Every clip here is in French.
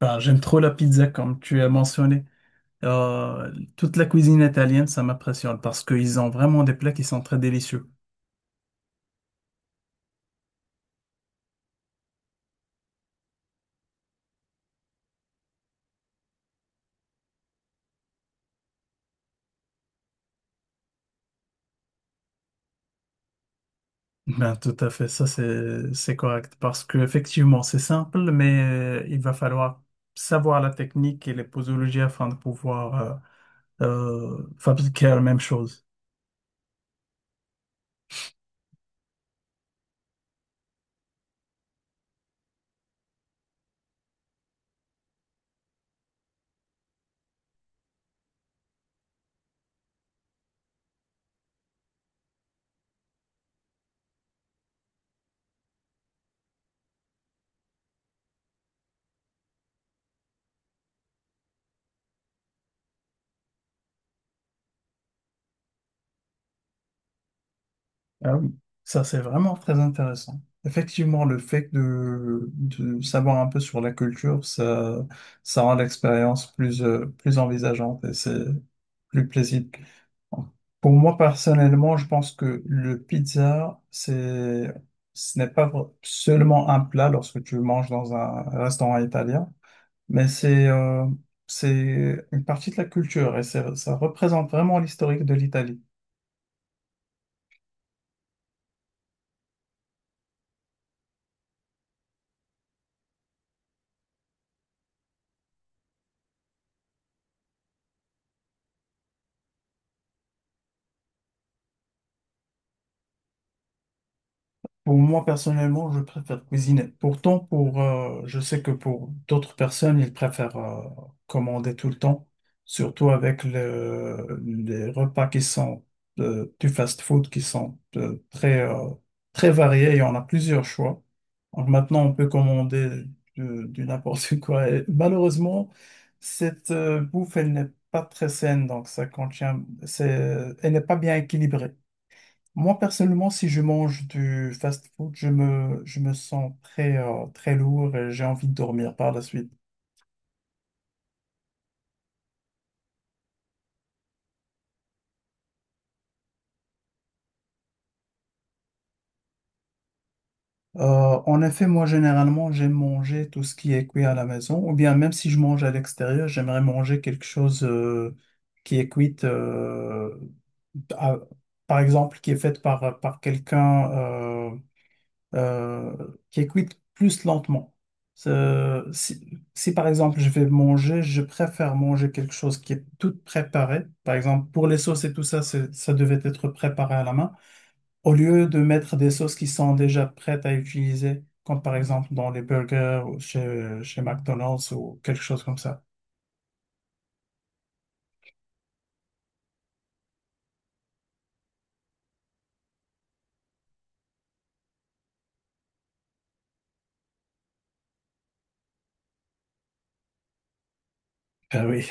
Ah, j'aime trop la pizza comme tu as mentionné. Toute la cuisine italienne, ça m'impressionne parce qu'ils ont vraiment des plats qui sont très délicieux. Ben, tout à fait, ça c'est correct parce que effectivement c'est simple, mais il va falloir savoir la technique et les posologies afin de pouvoir fabriquer la même chose. Ah oui, ça c'est vraiment très intéressant. Effectivement, le fait de savoir un peu sur la culture, ça rend l'expérience plus, plus envisageante et c'est plus plaisible. Pour moi, personnellement, je pense que le pizza, ce n'est pas seulement un plat lorsque tu manges dans un restaurant italien, mais c'est une partie de la culture et ça représente vraiment l'historique de l'Italie. Pour moi, personnellement, je préfère cuisiner. Pourtant, je sais que pour d'autres personnes, ils préfèrent commander tout le temps, surtout avec les repas qui sont du fast-food, qui sont très, très variés et on a plusieurs choix. Donc maintenant, on peut commander du n'importe quoi. Et malheureusement, cette bouffe, elle n'est pas très saine, donc elle n'est pas bien équilibrée. Moi, personnellement, si je mange du fast-food, je me sens très, très lourd et j'ai envie de dormir par la suite. En effet, moi, généralement, j'aime manger tout ce qui est cuit à la maison, ou bien même si je mange à l'extérieur, j'aimerais manger quelque chose qui est cuit, à- par exemple, qui est fait par quelqu'un. Euh, qui est cuite plus lentement. Si, par exemple je vais manger, je préfère manger quelque chose qui est tout préparé. Par exemple, pour les sauces et tout ça, ça devait être préparé à la main. Au lieu de mettre des sauces qui sont déjà prêtes à utiliser, comme par exemple dans les burgers ou chez McDonald's ou quelque chose comme ça. Ben oui.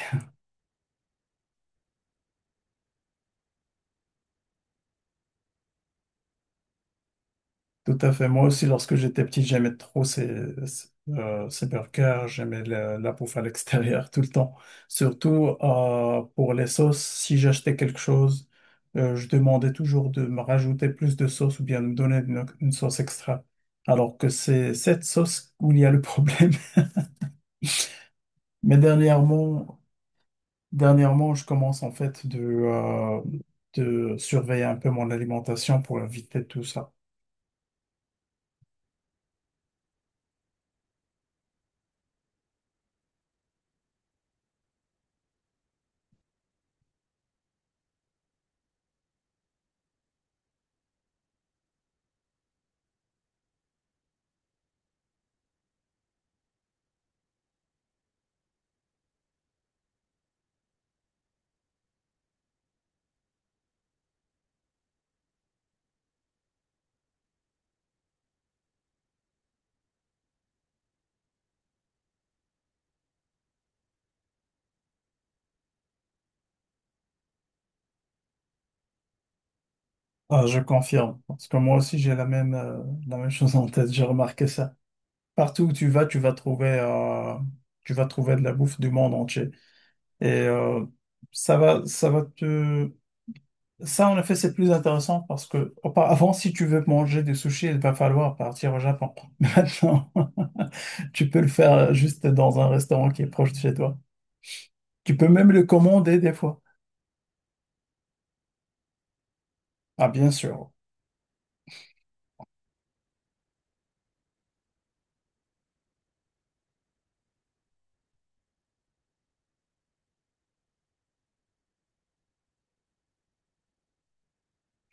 Tout à fait. Moi aussi, lorsque j'étais petit, j'aimais trop ces burgers. J'aimais la bouffe à l'extérieur tout le temps. Surtout pour les sauces, si j'achetais quelque chose, je demandais toujours de me rajouter plus de sauce ou bien de me donner une sauce extra. Alors que c'est cette sauce où il y a le problème. Mais dernièrement, dernièrement, je commence en fait de surveiller un peu mon alimentation pour éviter tout ça. Ah, je confirme, parce que moi aussi j'ai la même chose en tête, j'ai remarqué ça. Partout où tu vas trouver de la bouffe du monde entier. Et ça va, ça va te, ça, en effet, c'est plus intéressant parce que auparavant, si tu veux manger des sushis, il va falloir partir au Japon. Maintenant, tu peux le faire juste dans un restaurant qui est proche de chez toi. Tu peux même le commander des fois. Ah, bien sûr.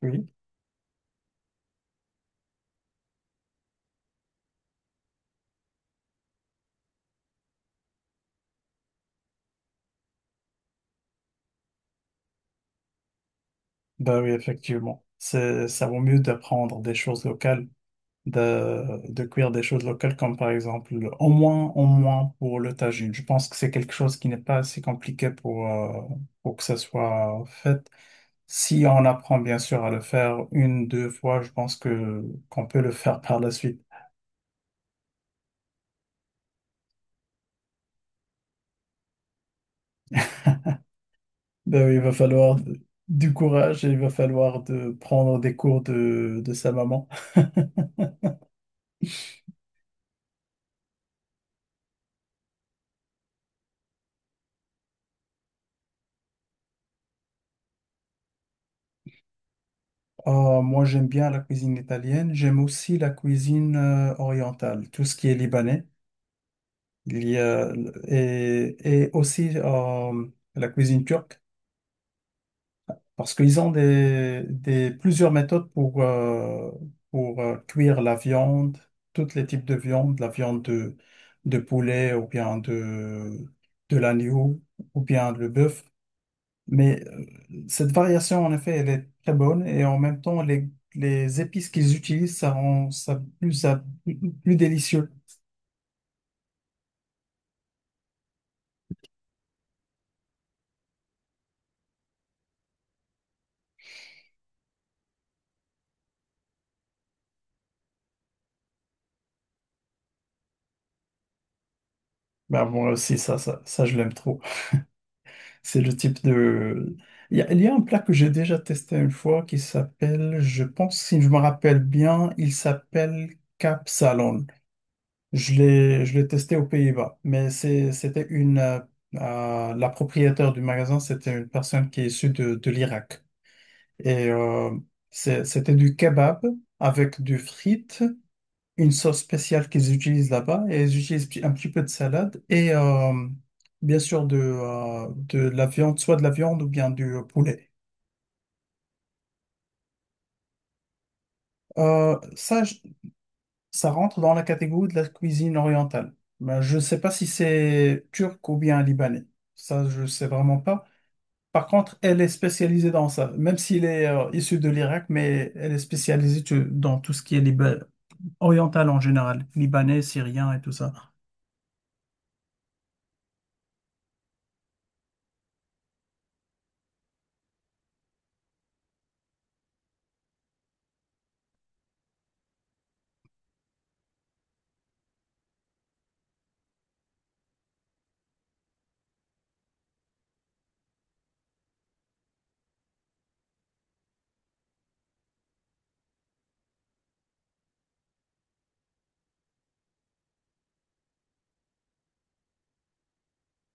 Oui. Ben oui, effectivement. Ça vaut mieux d'apprendre des choses locales, de cuire des choses locales comme par exemple, au moins pour le tagine. Je pense que c'est quelque chose qui n'est pas assez compliqué pour que ça soit fait. Si on apprend bien sûr à le faire une, deux fois, je pense que qu'on peut le faire par la suite. Ben oui, il va falloir de- du courage et il va falloir de prendre des cours de sa maman. Ah, moi, j'aime bien la cuisine italienne. J'aime aussi la cuisine orientale, tout ce qui est libanais. Il y a, et, et aussi la cuisine turque. Parce qu'ils ont plusieurs méthodes pour cuire la viande, tous les types de viande, la viande de poulet ou bien de l'agneau ou bien le bœuf. Mais cette variation, en effet, elle est très bonne et en même temps, les épices qu'ils utilisent, ça plus délicieux. Ben, moi aussi, ça, je l'aime trop. C'est le type de... il y a un plat que j'ai déjà testé une fois qui s'appelle, je pense, si je me rappelle bien, il s'appelle Salon. Je l'ai testé aux Pays-Bas, mais c'était une... la propriétaire du magasin, c'était une personne qui est issue de l'Irak. Et c'était du kebab avec du frites, une sauce spéciale qu'ils utilisent là-bas et ils utilisent un petit peu de salade et bien sûr de la viande, soit de la viande ou bien du poulet. Euh, ça, je- ça rentre dans la catégorie de la cuisine orientale. Mais je ne sais pas si c'est turc ou bien libanais. Ça, je ne sais vraiment pas. Par contre, elle est spécialisée dans ça, même s'il est issu de l'Irak, mais elle est spécialisée dans tout ce qui est libanais, orientale en général, libanais, syrien et tout ça.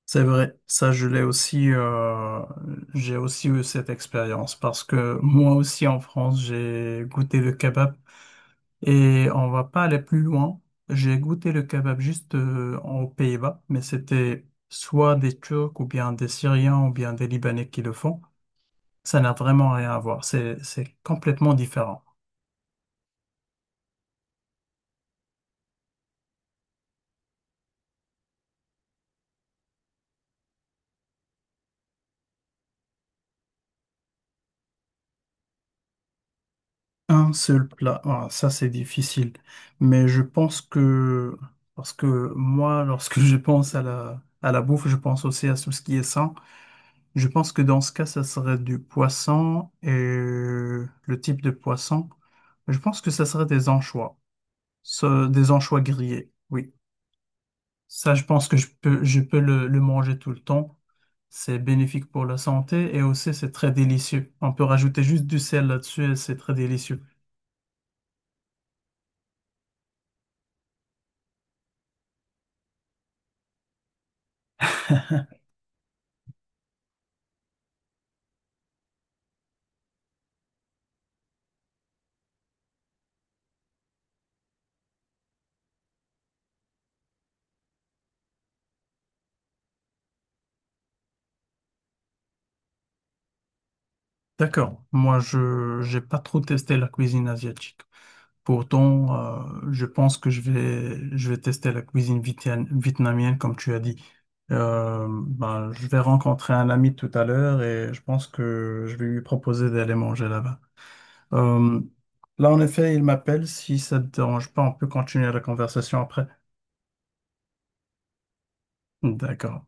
C'est vrai, ça je l'ai aussi, j'ai aussi eu cette expérience parce que moi aussi en France j'ai goûté le kebab. Et on va pas aller plus loin. J'ai goûté le kebab juste aux Pays-Bas, mais c'était soit des Turcs ou bien des Syriens ou bien des Libanais qui le font. Ça n'a vraiment rien à voir. C'est complètement différent. Un seul plat, ah, ça c'est difficile. Mais je pense que, parce que moi, lorsque je pense à à la bouffe, je pense aussi à tout ce qui est sain. Je pense que dans ce cas, ça serait du poisson et le type de poisson. Je pense que ça serait des anchois, ce- des anchois grillés. Oui, ça, je pense que je peux le manger tout le temps. C'est bénéfique pour la santé et aussi c'est très délicieux. On peut rajouter juste du sel là-dessus et c'est très délicieux. D'accord. Moi, je j'ai pas trop testé la cuisine asiatique. Pourtant, je pense que je vais tester la cuisine vietnamienne, comme tu as dit. Ben, je vais rencontrer un ami tout à l'heure et je pense que je vais lui proposer d'aller manger là-bas. Euh, Là, en effet, il m'appelle. Si ça te dérange pas, on peut continuer la conversation après. D'accord.